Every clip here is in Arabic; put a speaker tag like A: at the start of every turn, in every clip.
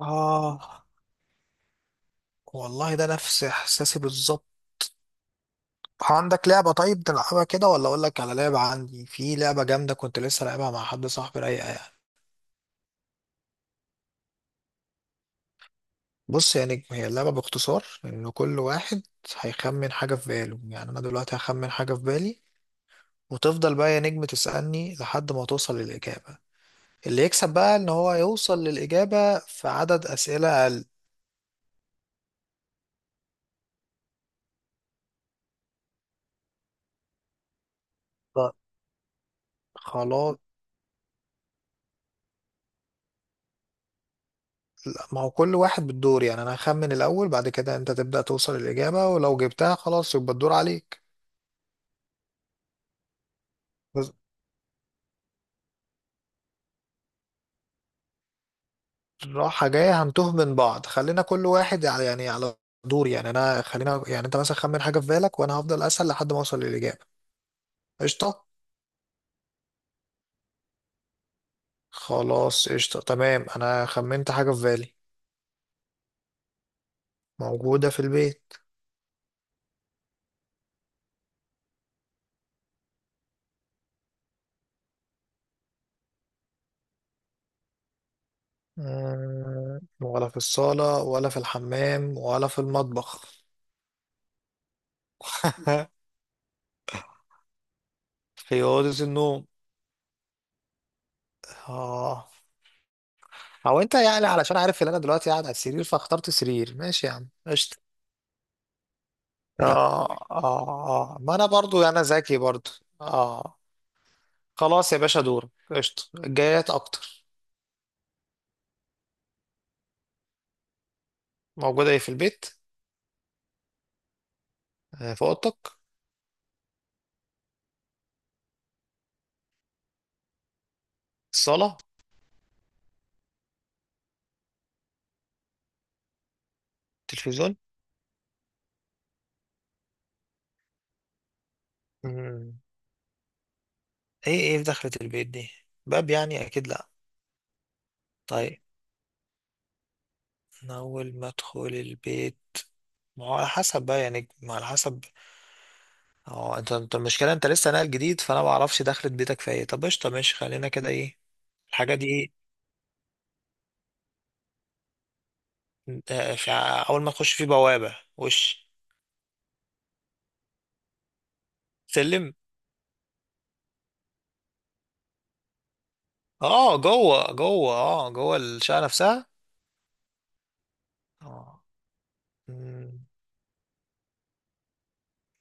A: آه، والله ده نفس إحساسي بالظبط. عندك لعبة طيب نلعبها كده، ولا أقول لك على لعبة؟ عندي في لعبة جامدة كنت لسه لعبها مع حد صاحبي، رايقة يعني. بص يا نجم، هي اللعبة باختصار إن كل واحد هيخمن حاجة في باله، يعني أنا دلوقتي هخمن حاجة في بالي، وتفضل بقى يا نجم تسألني لحد ما توصل للإجابة. اللي يكسب بقى إن هو يوصل للإجابة في عدد أسئلة أقل. طيب، خلاص. لا، ما هو كل واحد بالدور، يعني انا هخمن الاول، بعد كده انت تبدأ توصل الاجابة، ولو جبتها خلاص يبقى الدور عليك. بس- راحة جاية هنتوه من بعض، خلينا كل واحد على، يعني على دور، يعني انا، خلينا يعني انت مثلا خمن حاجة في بالك، وانا هفضل اسأل لحد ما اوصل للاجابة. قشطة. خلاص قشطة، تمام، انا خمنت حاجة في بالي. موجودة في البيت. مم، ولا في الصالة، ولا في الحمام، ولا في المطبخ. في أوضة النوم. اه. هو انت يعني علشان عارف ان انا دلوقتي قاعد على السرير فاخترت سرير؟ ماشي يا عم قشطة. اه، اه، اه، ما انا برضو يعني انا ذكي برضو. اه، خلاص يا باشا، دورك قشطة، الجايات اكتر. موجودة ايه في البيت؟ آه، في اوضتك؟ الصالة؟ تلفزيون؟ مم. ايه ايه في دخلة البيت دي؟ باب يعني؟ اكيد لا. طيب، انا اول ما ادخل البيت، ما هو على حسب بقى، يعني ما على حسب. اه، انت المشكله انت لسه ناقل جديد، فانا ما اعرفش دخلة بيتك في ايه. طب قشطه ماشي، خلينا كده. ايه الحاجه دي إيه؟ انت في اول ما تخش في بوابة وش؟ سلم؟ اه، جوه جوه، اه جوه الشقة نفسها؟ اه. مم.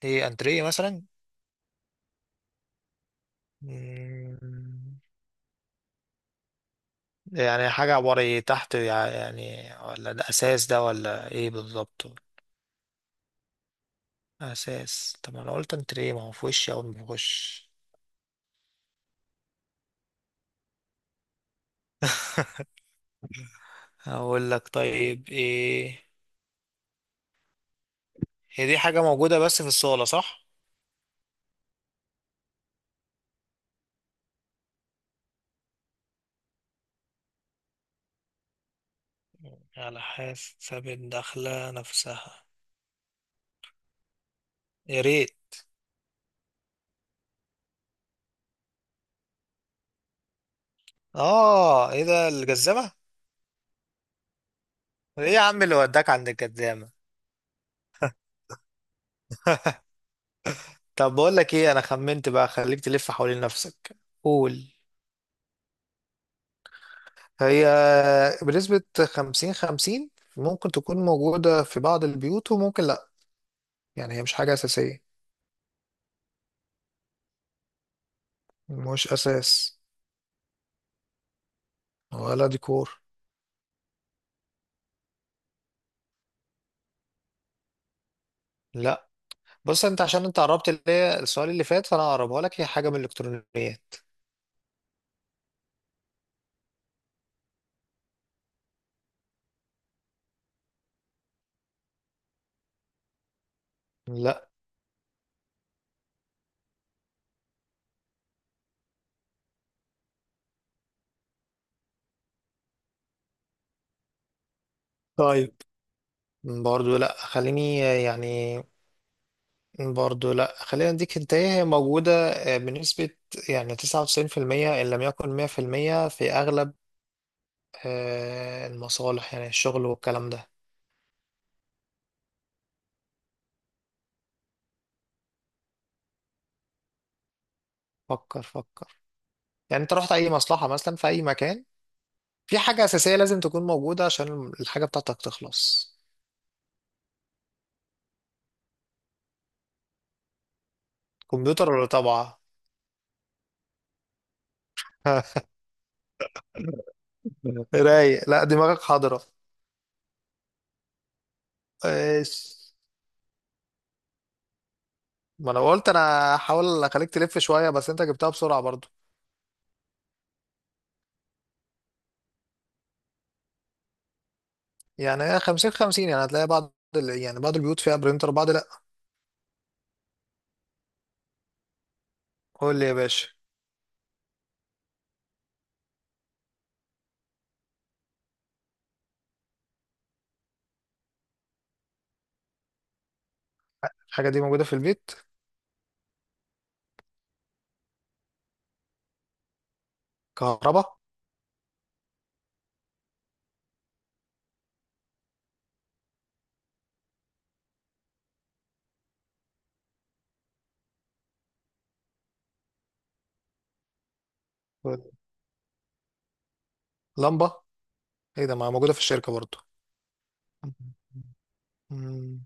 A: ايه، انتريه مثلا؟ مم. يعني حاجة عبارة إيه؟ تحت يعني؟ ولا ده اساس ده ولا ايه بالظبط؟ اساس؟ طب ما انا قلت انتريه، ما هو في وشي اول ما بخش. هقول لك طيب ايه، هي دي حاجة موجودة بس في الصالة، صح؟ على حسب الدخلة نفسها. يا ريت. اه، ايه ده، الجزمة؟ ايه يا عم اللي وداك عند الكدامة؟ طب بقول لك ايه، انا خمنت بقى، خليك تلف حوالين نفسك. قول. هي بنسبة خمسين خمسين، ممكن تكون موجودة في بعض البيوت، وممكن لأ. يعني هي مش حاجة أساسية. مش أساس، ولا ديكور. لأ. بص، أنت عشان أنت قربت اللي هي السؤال اللي فات، فأنا هقربها لك، هي حاجة من الإلكترونيات. لأ، طيب. برضو لأ خليني يعني. برضه لا، خلينا نديك انت، إيه، هي موجودة، آه، بنسبة يعني تسعة وتسعين في المية، إن لم يكن مية في المية، في أغلب آه، المصالح، يعني الشغل والكلام ده. فكر، يعني انت رحت أي مصلحة مثلا في أي مكان، في حاجة أساسية لازم تكون موجودة عشان الحاجة بتاعتك تخلص. كمبيوتر ولا طابعة؟ رايق، لا دماغك حاضرة. ايش؟ ما انا قلت انا هحاول اخليك تلف شوية، بس انت جبتها بسرعة. يعني هي 50 50، يعني هتلاقي بعض يعني بعض البيوت فيها برينتر، بعض لا. قول لي يا باشا. الحاجة دي موجودة في البيت؟ كهرباء؟ لمبة؟ ايه ده، ما موجودة في الشركة برضو. مم.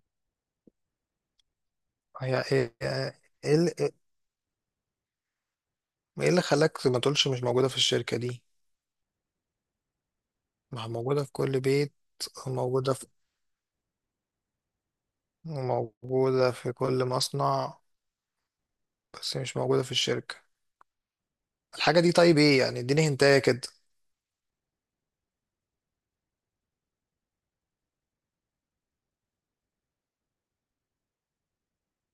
A: هي ايه؟ ايه ال- ايه اللي خلاك ما تقولش مش موجودة في الشركة دي؟ ما هي موجودة في كل بيت، موجودة في، موجودة في كل مصنع، بس مش موجودة في الشركة. الحاجة دي طيب ايه يعني، اديني هنتاية كده.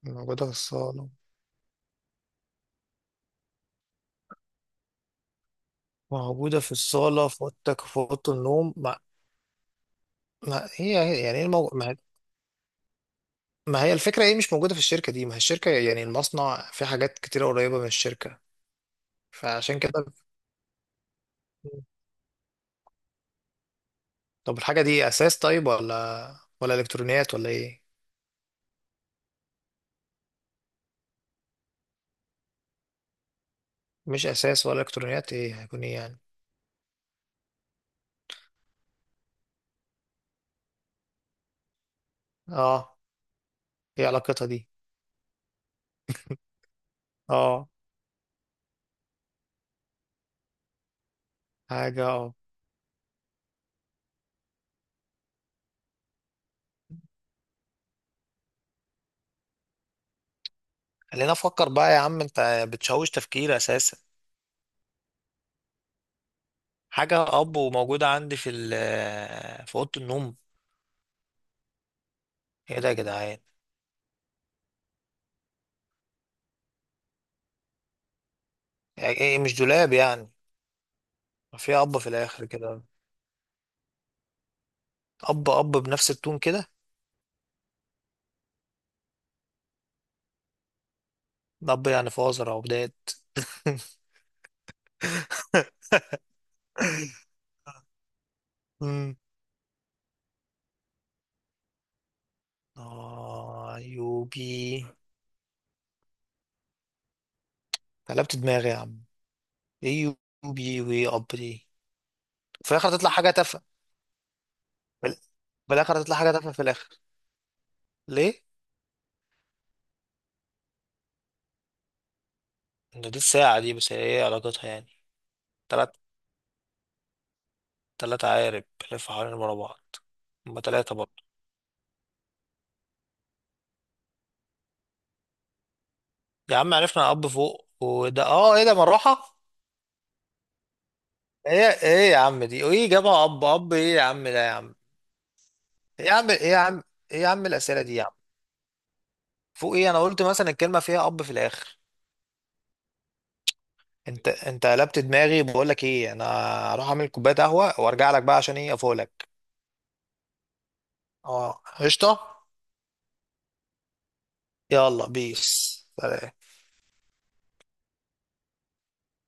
A: موجودة في الصالة؟ موجودة في الصالة، في أوضتك، في أوضة النوم؟ ما هي يعني إيه المو... ما، ما هي الفكرة، ايه مش موجودة في الشركة دي؟ ما هي الشركة يعني المصنع في حاجات كتيرة قريبة من الشركة، فعشان كده. طب الحاجة دي أساس طيب، ولا، ولا إلكترونيات ولا ايه؟ مش أساس ولا إلكترونيات، ايه هيكون ايه يعني؟ اه، ايه علاقتها دي؟ اه، حاجة، اه، خلينا أفكر بقى يا عم، أنت بتشوش تفكير أساسا. حاجة أب، وموجودة عندي في في أوضة النوم. ايه ده يا جدعان، يعني ايه، مش دولاب يعني؟ ما في أب في الآخر كده، أب أب بنفس التون كده. الأب يعني في وزر أو بداية؟ مم. آه يوبي، قلبت دماغي يا عم، إيه يوبي وإيه أب دي؟ في الآخر تطلع حاجة تافهة، في، في الآخر تطلع حاجة تافهة في الآخر. ليه؟ ده دي الساعة دي، بس هي إيه علاقتها يعني؟ تلات، تلات عقارب بيلفوا حوالين ورا بعض؟ هما تلاتة برضه. يا عم عرفنا أب فوق، وده آه، إيه ده، مروحة؟ إيه إيه يا عم دي؟ وإيه جابها أب أب إيه يا عم ده يا عم؟ إيه يا عم، إيه يا عم، إيه يا عم الأسئلة دي يا عم؟ فوق ايه، انا قلت مثلا الكلمه فيها اب في الاخر. انت قلبت دماغي، بقول لك ايه، انا هروح اعمل كوبايه قهوه وارجع لك بقى، عشان ايه، افوق لك. اه قشطه. يلا بيس. سلام.